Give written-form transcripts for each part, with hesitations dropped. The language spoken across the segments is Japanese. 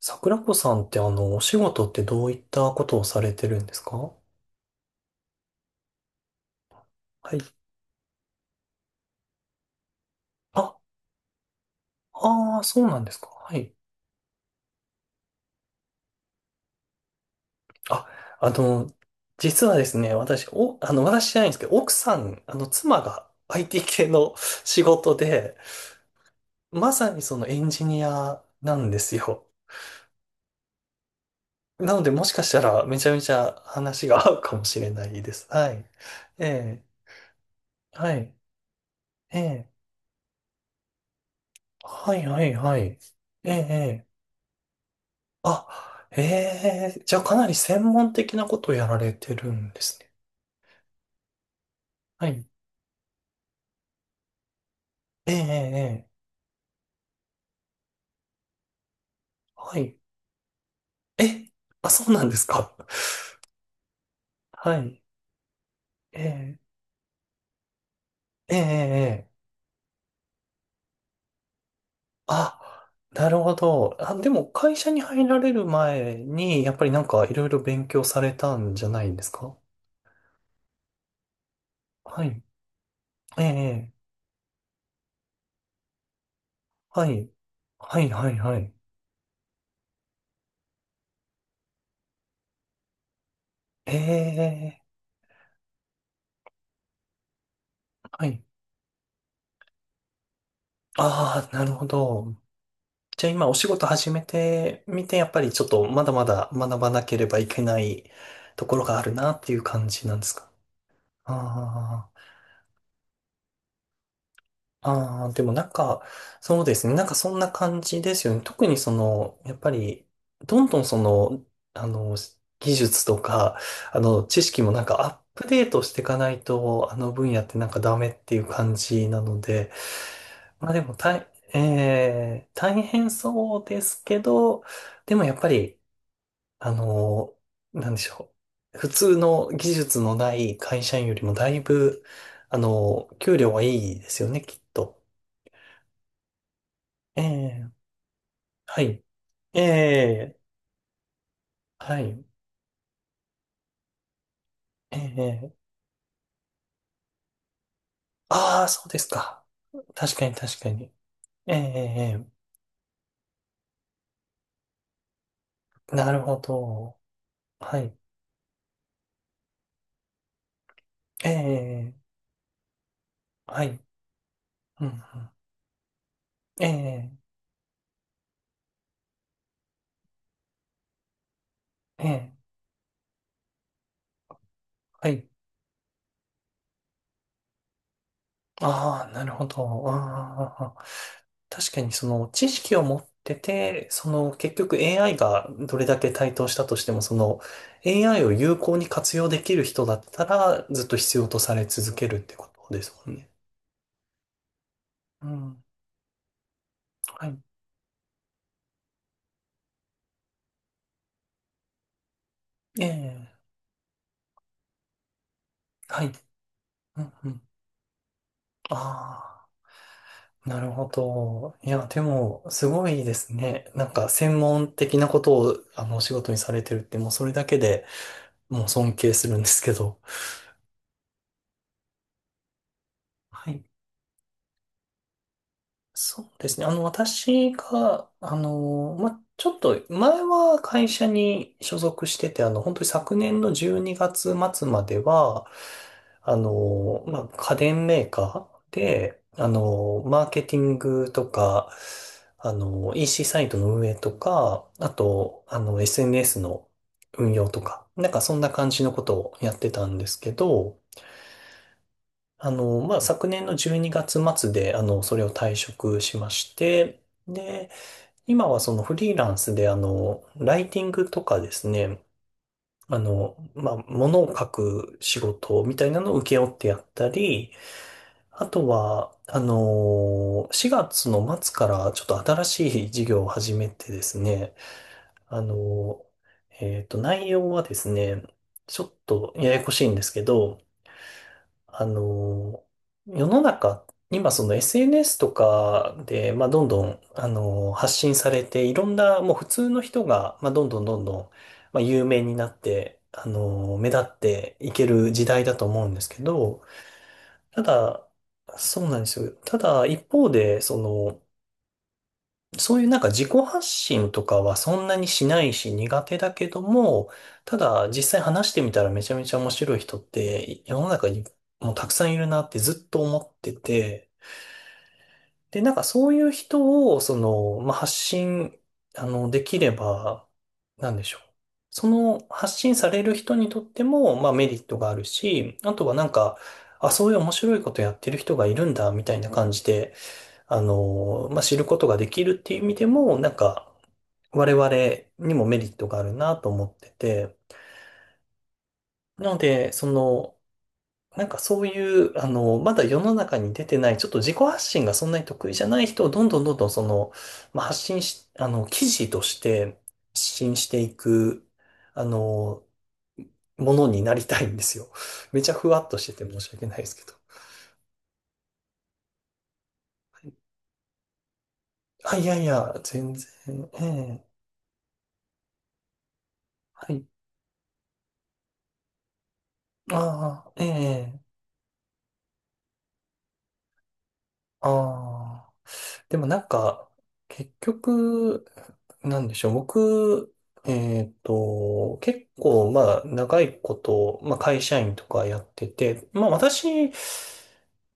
桜子さんってお仕事ってどういったことをされてるんですか？はい。あ、ああ、そうなんですか。はい。あ、あの、実はですね、私、お、あの、私じゃないんですけど、奥さん、妻が IT 系の仕事で、まさにそのエンジニアなんですよ。なので、もしかしたらめちゃめちゃ話が合うかもしれないです。はい。ええ、はい。ええ、はい、はい、はい。ええ、えええ、じゃあかなり専門的なことをやられてるんですね。はい。ええ、ええ、ええ、はい。え、あ、そうなんですか。はい。ええ、ええ、ええ、ええ、あ、なるほど。あ、でも会社に入られる前に、やっぱりなんかいろいろ勉強されたんじゃないんですか？はい。ええ、ええ、はい。はい、はい、はい。ええ、はい。ああ、なるほど。じゃあ今お仕事始めてみて、やっぱりちょっとまだまだ学ばなければいけないところがあるなっていう感じなんですか？ああ、ああ、でもなんか、そうですね。なんかそんな感じですよね。特にその、やっぱり、どんどんその、あの、技術とか、知識もなんかアップデートしていかないと、あの分野ってなんかダメっていう感じなので、まあでも大、えー、大変そうですけど、でもやっぱり、あの、なんでしょう。普通の技術のない会社員よりもだいぶ、給料はいいですよね、きっと。ええ、はい。ええ、はい。ええ、ああ、そうですか。確かに確かに。ええ、ええ、なるほど。はい。ええ、はい。うんうん、ええ、ええ、はい。ああ、なるほど。ああ、確かにその知識を持ってて、その結局 AI がどれだけ台頭したとしても、その AI を有効に活用できる人だったらずっと必要とされ続けるってことですもんね。うん。はい。ええ。はい。うんうん。ああ、なるほど。いや、でも、すごいですね。なんか専門的なことを、お仕事にされてるって、もうそれだけでもう尊敬するんですけど。はい。そうですね。私が、ちょっと前は会社に所属してて、本当に昨年の12月末までは、家電メーカーで、マーケティングとか、EC サイトの運営とか、あと、SNS の運用とか、なんかそんな感じのことをやってたんですけど、昨年の12月末で、それを退職しまして、で、今はそのフリーランスで、ライティングとかですね、ものを書く仕事みたいなのを請け負ってやったり、あとは、4月の末からちょっと新しい事業を始めてですね、あの、内容はですね、ちょっとややこしいんですけど、あの、世の中、今その SNS とかで、まあ、どんどん、発信されて、いろんな、もう普通の人が、まあ、どんどんどんどん、まあ、有名になって、目立っていける時代だと思うんですけど、ただ、そうなんですよ。ただ、一方で、その、そういうなんか自己発信とかはそんなにしないし苦手だけども、ただ実際話してみたらめちゃめちゃ面白い人って世の中にもうたくさんいるなってずっと思ってて、で、なんかそういう人をその、まあ、できれば、なんでしょう。その発信される人にとっても、まあメリットがあるし、あとはなんか、あ、そういう面白いことやってる人がいるんだ、みたいな感じで、知ることができるっていう意味でも、なんか、我々にもメリットがあるなと思ってて、なので、その、なんかそういうまだ世の中に出てない、ちょっと自己発信がそんなに得意じゃない人をどんどんどんどんその、まあ、発信し、あの、記事として発信していく、あの、ものになりたいんですよ。めちゃふわっとしてて申し訳ないですけど。あ、いやいや、全然、ええ、はい。ああ、ええ、ああ。でもなんか、結局、なんでしょう。僕、結構、まあ、長いこと、まあ、会社員とかやってて、まあ、私、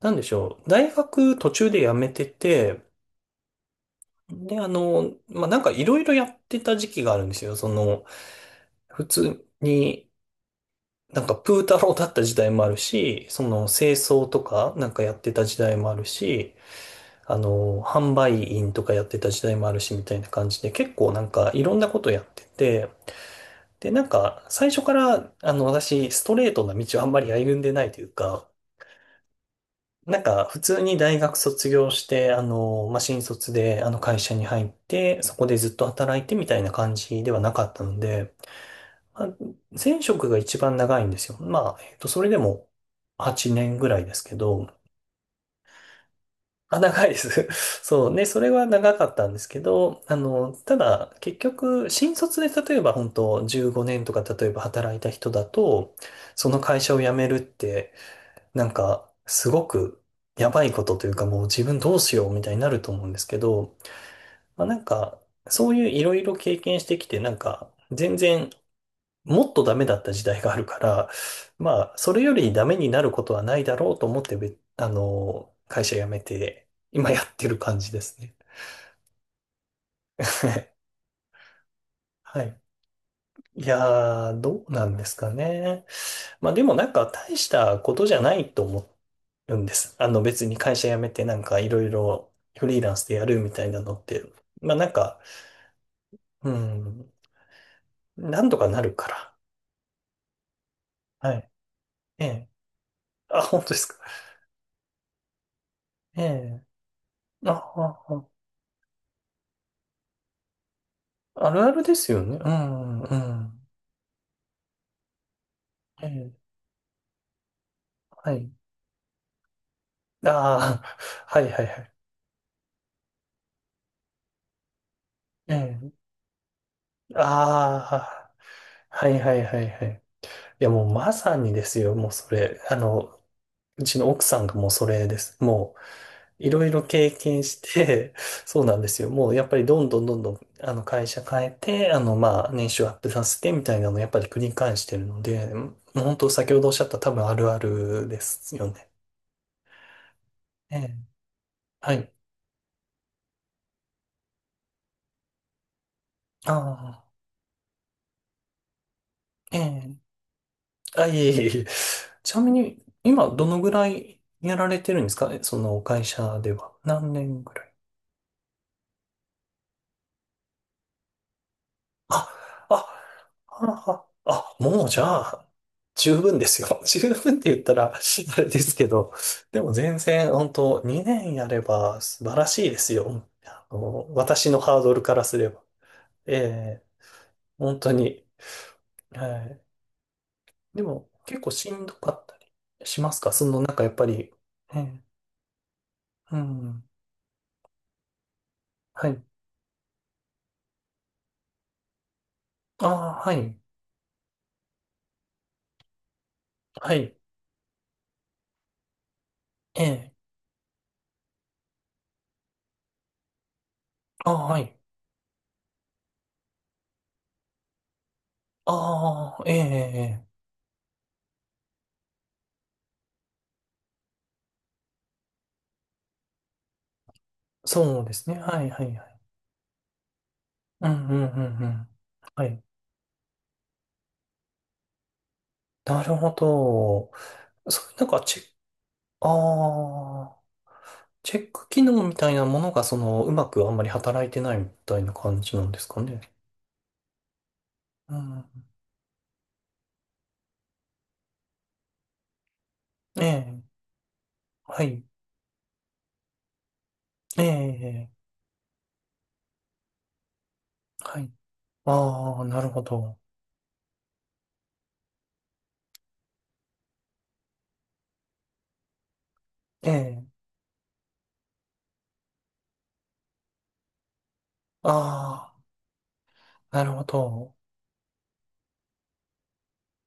なんでしょう。大学途中で辞めてて、で、なんかいろいろやってた時期があるんですよ。その、普通に、なんかプータローだった時代もあるし、その、清掃とかなんかやってた時代もあるし、販売員とかやってた時代もあるし、みたいな感じで、結構なんかいろんなことやってて、で、なんか最初から、私、ストレートな道をあんまり歩んでないというか、なんか普通に大学卒業して、新卒であの会社に入って、そこでずっと働いてみたいな感じではなかったので、まあ前職が一番長いんですよ。まあ、それでも8年ぐらいですけど、あ、長いです。そうね、それは長かったんですけど、ただ、結局、新卒で例えば本当15年とか例えば働いた人だと、その会社を辞めるって、なんか、すごくやばいことというか、もう自分どうしようみたいになると思うんですけど、まあなんか、そういういろいろ経験してきて、なんか、全然もっとダメだった時代があるから、まあ、それよりダメになることはないだろうと思って、べあの、会社辞めて、今やってる感じですね。はい。いやー、どうなんですかね。まあでもなんか大したことじゃないと思うんです。あの別に会社辞めてなんかいろいろフリーランスでやるみたいなのって、まあなんか、うん、なんとかなるから。はい。ええ。あ、本当ですか。ええ。あ、あ、あ、あるあるですよね。うん、うん。ええ、はい。ああ、はいはいはい。ええ、ああ、はいはいはいはい。いやもうまさにですよ、もうそれ。うちの奥さんがもうそれです。もういろいろ経験して、そうなんですよ。もうやっぱりどんどんどんどん、あの会社変えて、あのまあ年収アップさせてみたいなのをやっぱり繰り返してるので、もう本当先ほどおっしゃった多分あるあるですよね。ええ、はい。ああ、ええ。あ、いえいえいえ。ちなみに、今、どのぐらいやられてるんですかその会社では。何年ぐらい、あ、あ、あ、あ、あもうじゃあ、十分ですよ。十分って言ったら、あれですけど、でも全然、本当2年やれば素晴らしいですよ。私のハードルからすれば。ええ、本当に。はい。でも、結構しんどかったりしますかその、なんかやっぱり、ええ、うん。はい。ああ、はい。はい。ええ。ああ、はい。ああ、ええ、ええ。そうですね。はい、はい、はい。うん、うん、うん、うん。はい。なるほど。そういうなんかチェック、ああ、チェック機能みたいなものが、その、うまくあんまり働いてないみたいな感じなんですかね。うん。ええ、はい。ええ、はい。ああ、なるほど。ええ、ああ、なるほど。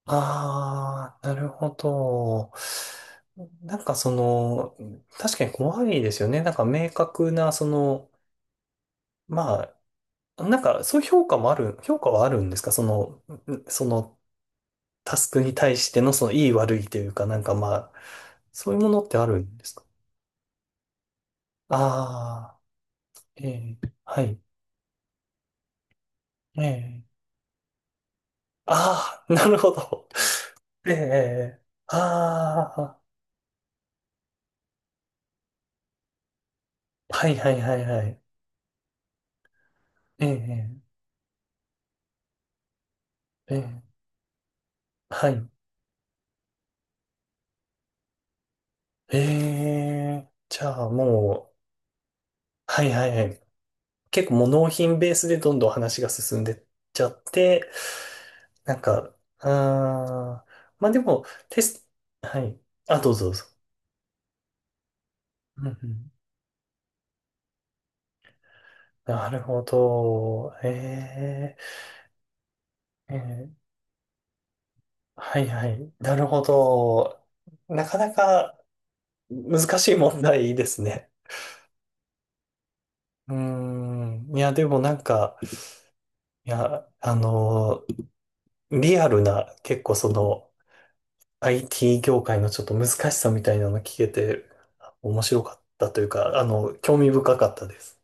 ああ、なるほど。なんかその、確かに怖いですよね。なんか明確な、その、まあ、なんかそういう評価はあるんですかその、そのタスクに対してのその良い悪いというか、なんかまあ、そういうものってあるんですか？ああー、ええ、はい、ええ、ああ、なるほど。ええ、ああ、はいはいはいはい。ええ、ええ、はい。ええ、じゃあもう、はいはいはい。結構もう納品ベースでどんどん話が進んでっちゃって、なんか、あー、まあでも、テスト、はい。あ、どうぞどうぞ。うんうん、なるほど。ええ、えー、はいはい。なるほど。なかなか難しい問題ですね。うーん。いや、でもなんか、いや、リアルな、結構その、IT 業界のちょっと難しさみたいなの聞けて、面白かったというか、興味深かったです。